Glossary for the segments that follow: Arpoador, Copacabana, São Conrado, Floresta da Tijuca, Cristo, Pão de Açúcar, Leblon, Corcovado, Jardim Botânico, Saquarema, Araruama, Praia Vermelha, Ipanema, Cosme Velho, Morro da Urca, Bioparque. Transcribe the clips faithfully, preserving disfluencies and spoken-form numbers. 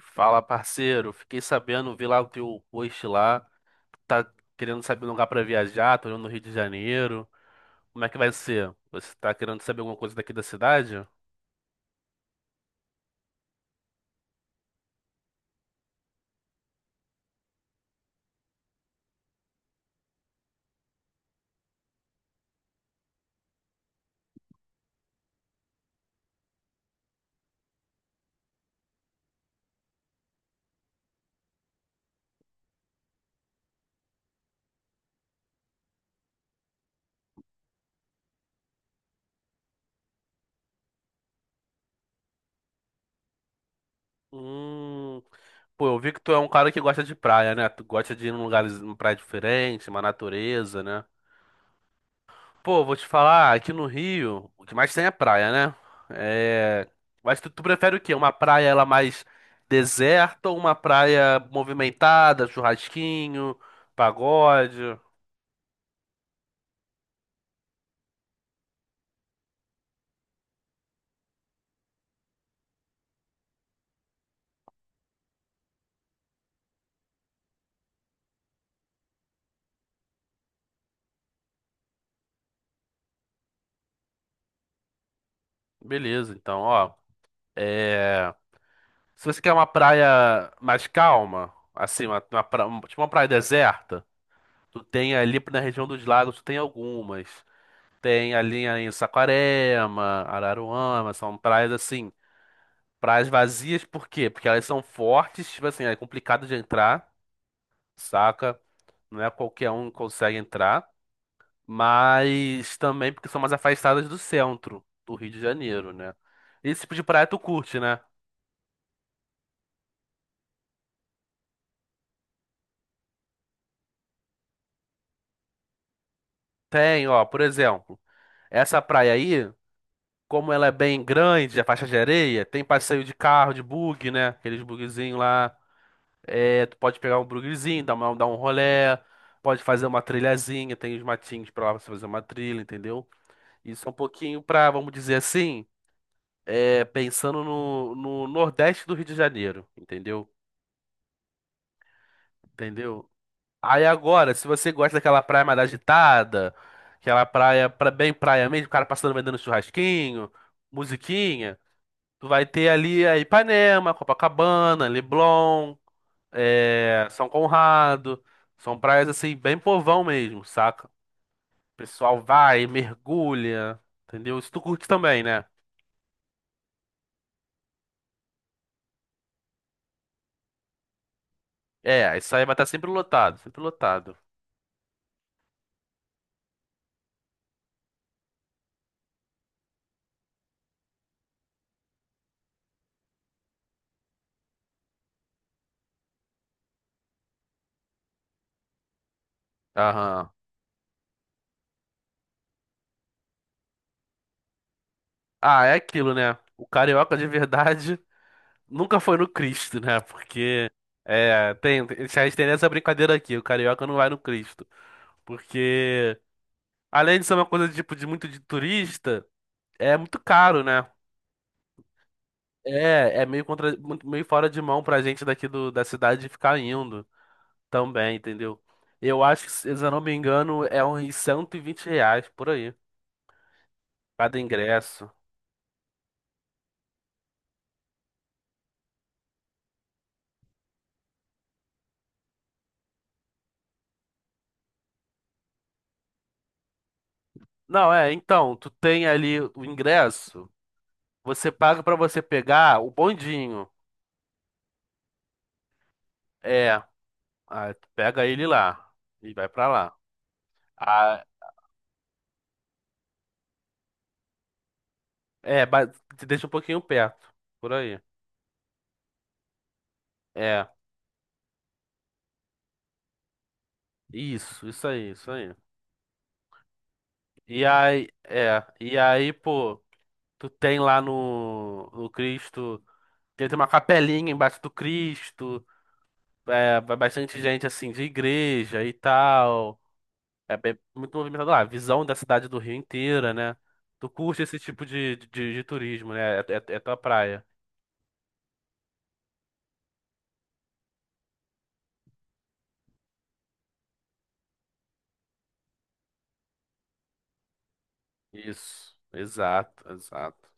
Fala, parceiro. Fiquei sabendo, vi lá o teu post lá. Tá querendo saber um lugar pra viajar, tô indo no Rio de Janeiro. Como é que vai ser? Você tá querendo saber alguma coisa daqui da cidade? Hum, pô, eu vi que tu é um cara que gosta de praia, né? Tu gosta de ir num lugar, numa praia diferente, uma natureza, né? Pô, vou te falar, aqui no Rio, o que mais tem é praia, né? É... Mas tu, tu prefere o quê? Uma praia ela mais deserta ou uma praia movimentada, churrasquinho, pagode? Beleza, então, ó. é, Se você quer uma praia mais calma, assim, uma, uma pra- um- tipo uma praia deserta, tu tem ali na região dos lagos, tu tem algumas. Tem ali em Saquarema, Araruama, são praias assim. Praias vazias, por quê? Porque elas são fortes, tipo assim, é complicado de entrar, saca? Não é qualquer um que consegue entrar, mas também porque são mais afastadas do centro do Rio de Janeiro, né? Esse tipo de praia tu curte, né? Tem, ó, por exemplo, essa praia aí, como ela é bem grande, a faixa de areia, tem passeio de carro, de bug, né? Aqueles bugzinhos lá. É, tu pode pegar um bugzinho, dar uma, dar um rolê, pode fazer uma trilhazinha, tem os matinhos pra lá pra você fazer uma trilha, entendeu? Isso é um pouquinho pra, vamos dizer assim, é, pensando no, no Nordeste do Rio de Janeiro, entendeu? Entendeu? Aí agora, se você gosta daquela praia mais agitada, aquela praia pra, bem praia mesmo, o cara passando vendendo churrasquinho, musiquinha, tu vai ter ali a Ipanema, Copacabana, Leblon, é, São Conrado. São praias assim, bem povão mesmo, saca? O pessoal vai, mergulha, entendeu? Isso tu curte também, né? É, isso aí vai estar sempre lotado, sempre lotado. Aham. Ah, é aquilo, né? O carioca de verdade nunca foi no Cristo, né? Porque é, tem, a gente tem essa brincadeira aqui, o carioca não vai no Cristo. Porque além de ser uma coisa tipo de muito de turista, é muito caro, né? É, é meio contra, muito- meio fora de mão pra gente daqui do, da cidade ficar indo também, entendeu? Eu acho que, se eu não me engano, é uns cento e vinte reais por aí, cada ingresso. Não, é, então, tu tem ali o ingresso, você paga pra você pegar o bondinho. É, ah, tu pega ele lá e vai pra lá. Ah, é, ba- te deixa um pouquinho perto, por aí. É, isso, isso aí, isso aí. E aí, é, e aí, pô, tu tem lá no, no Cristo, tem uma capelinha embaixo do Cristo, é, vai bastante gente assim de igreja e tal. É bem- muito movimentado lá. A visão da cidade do Rio inteira, né? Tu curte esse tipo de, de, de turismo, né? É, é, é tua praia. Isso, exato, exato.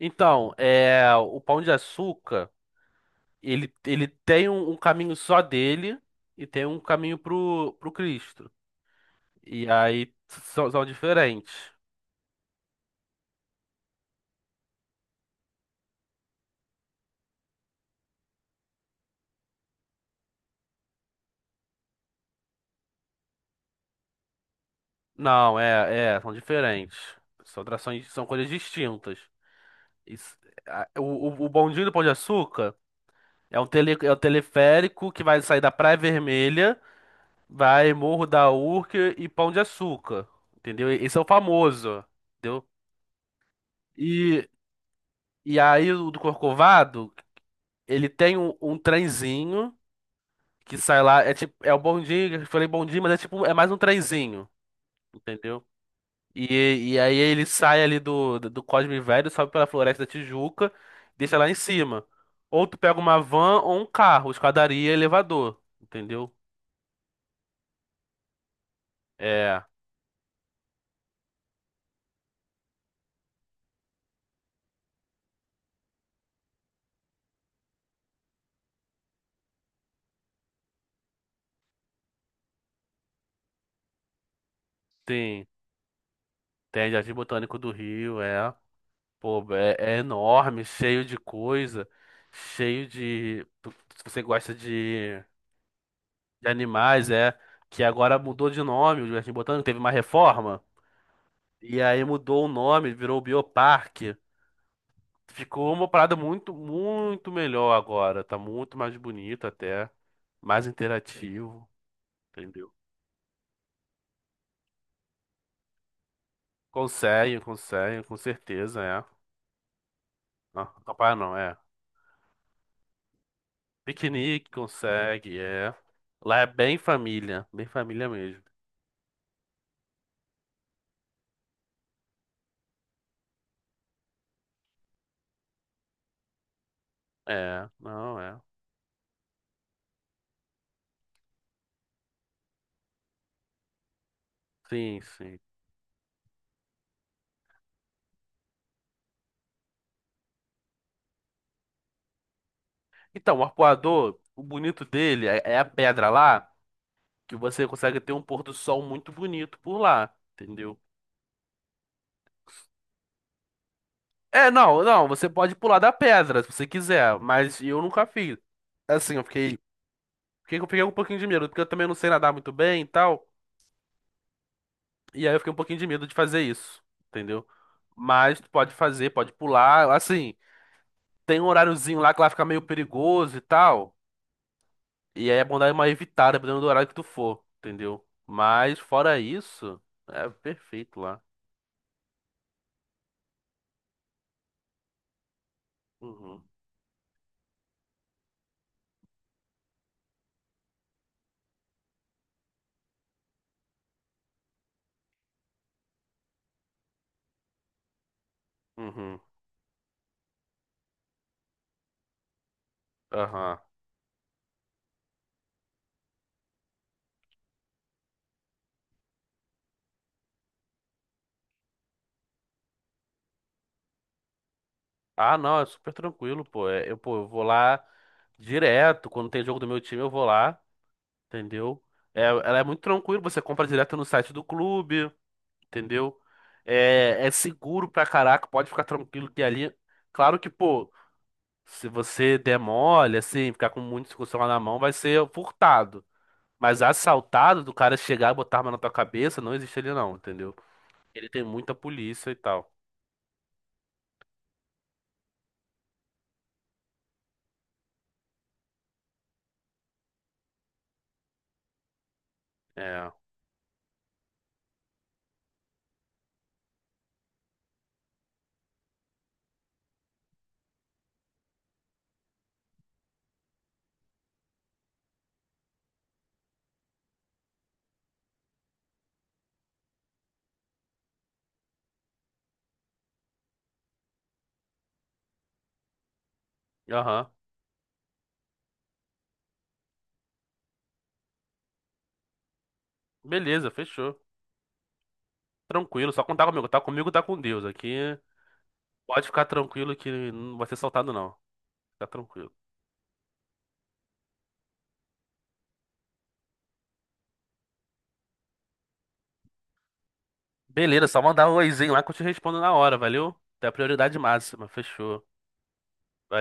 Então, é, o Pão de Açúcar, ele, ele tem um, um caminho só dele e tem um caminho pro, pro Cristo. E aí são, são diferentes. Não, é, é, são diferentes. São atrações, são coisas distintas. Isso- a- o, o, o bondinho do Pão de Açúcar. É um, tele, é um teleférico que vai sair da Praia Vermelha, vai Morro da Urca e Pão de Açúcar, entendeu? Esse é o famoso, entendeu? E, e aí o do Corcovado, ele tem um, um trenzinho que sai lá, é tipo, é o bondinho, eu falei bondinho, mas é tipo, é mais um trenzinho, entendeu? E, e aí ele sai ali do, do Cosme Velho, sobe pela Floresta da Tijuca, deixa lá em cima. Ou tu pega uma van ou um carro, escadaria, elevador, entendeu? É, tem. Tem Jardim Botânico do Rio, é. Pô, é, é enorme, cheio de coisa, cheio de. tu- Se você gosta de, de animais, é. Que agora mudou de nome, o Jardim Botânico teve uma reforma. E aí mudou o nome, virou Bioparque. Ficou uma parada muito, muito melhor agora. Tá muito mais bonito até. Mais interativo, entendeu? Consegue, consegue, com certeza, é. Não, capaz não, é. Piquenique consegue, é. Lá é bem família, bem família mesmo. É, não é. Sim, sim. Então, o arpoador, o bonito dele é, é a pedra lá, que você consegue ter um pôr do sol muito bonito por lá, entendeu? É, não, não, você pode pular da pedra se você quiser, mas eu nunca fiz. Assim, eu fiquei, fiquei, eu fiquei um pouquinho de medo, porque eu também não sei nadar muito bem e tal, e aí eu fiquei um pouquinho de medo de fazer isso, entendeu? Mas tu pode fazer, pode pular, assim. Tem um horáriozinho lá que lá fica meio perigoso e tal. E aí é bom dar uma evitada, dependendo do horário que tu for, entendeu? Mas fora isso, é perfeito lá. Uhum. Uhum. Aham. Ah, não, é super tranquilo, pô. É, eu, pô, eu vou lá direto. Quando tem jogo do meu time, eu vou lá, entendeu? É, ela é muito tranquila, você compra direto no site do clube, entendeu? É, é seguro pra caraca, pode ficar tranquilo que ali. Claro que, pô, se você der mole, assim, ficar com muita discussão lá na mão, vai ser furtado. Mas assaltado, do cara chegar e botar arma na tua cabeça, não existe ele não, entendeu? Ele tem muita polícia e tal. É. Aham. Beleza, fechou. Tranquilo, só contar comigo. Tá comigo, tá com Deus. Aqui pode ficar tranquilo que não vai ser assaltado, não. Fica tranquilo. Beleza, só mandar um oizinho lá que eu te respondo na hora, valeu? Tem a prioridade máxima, fechou. Valeu.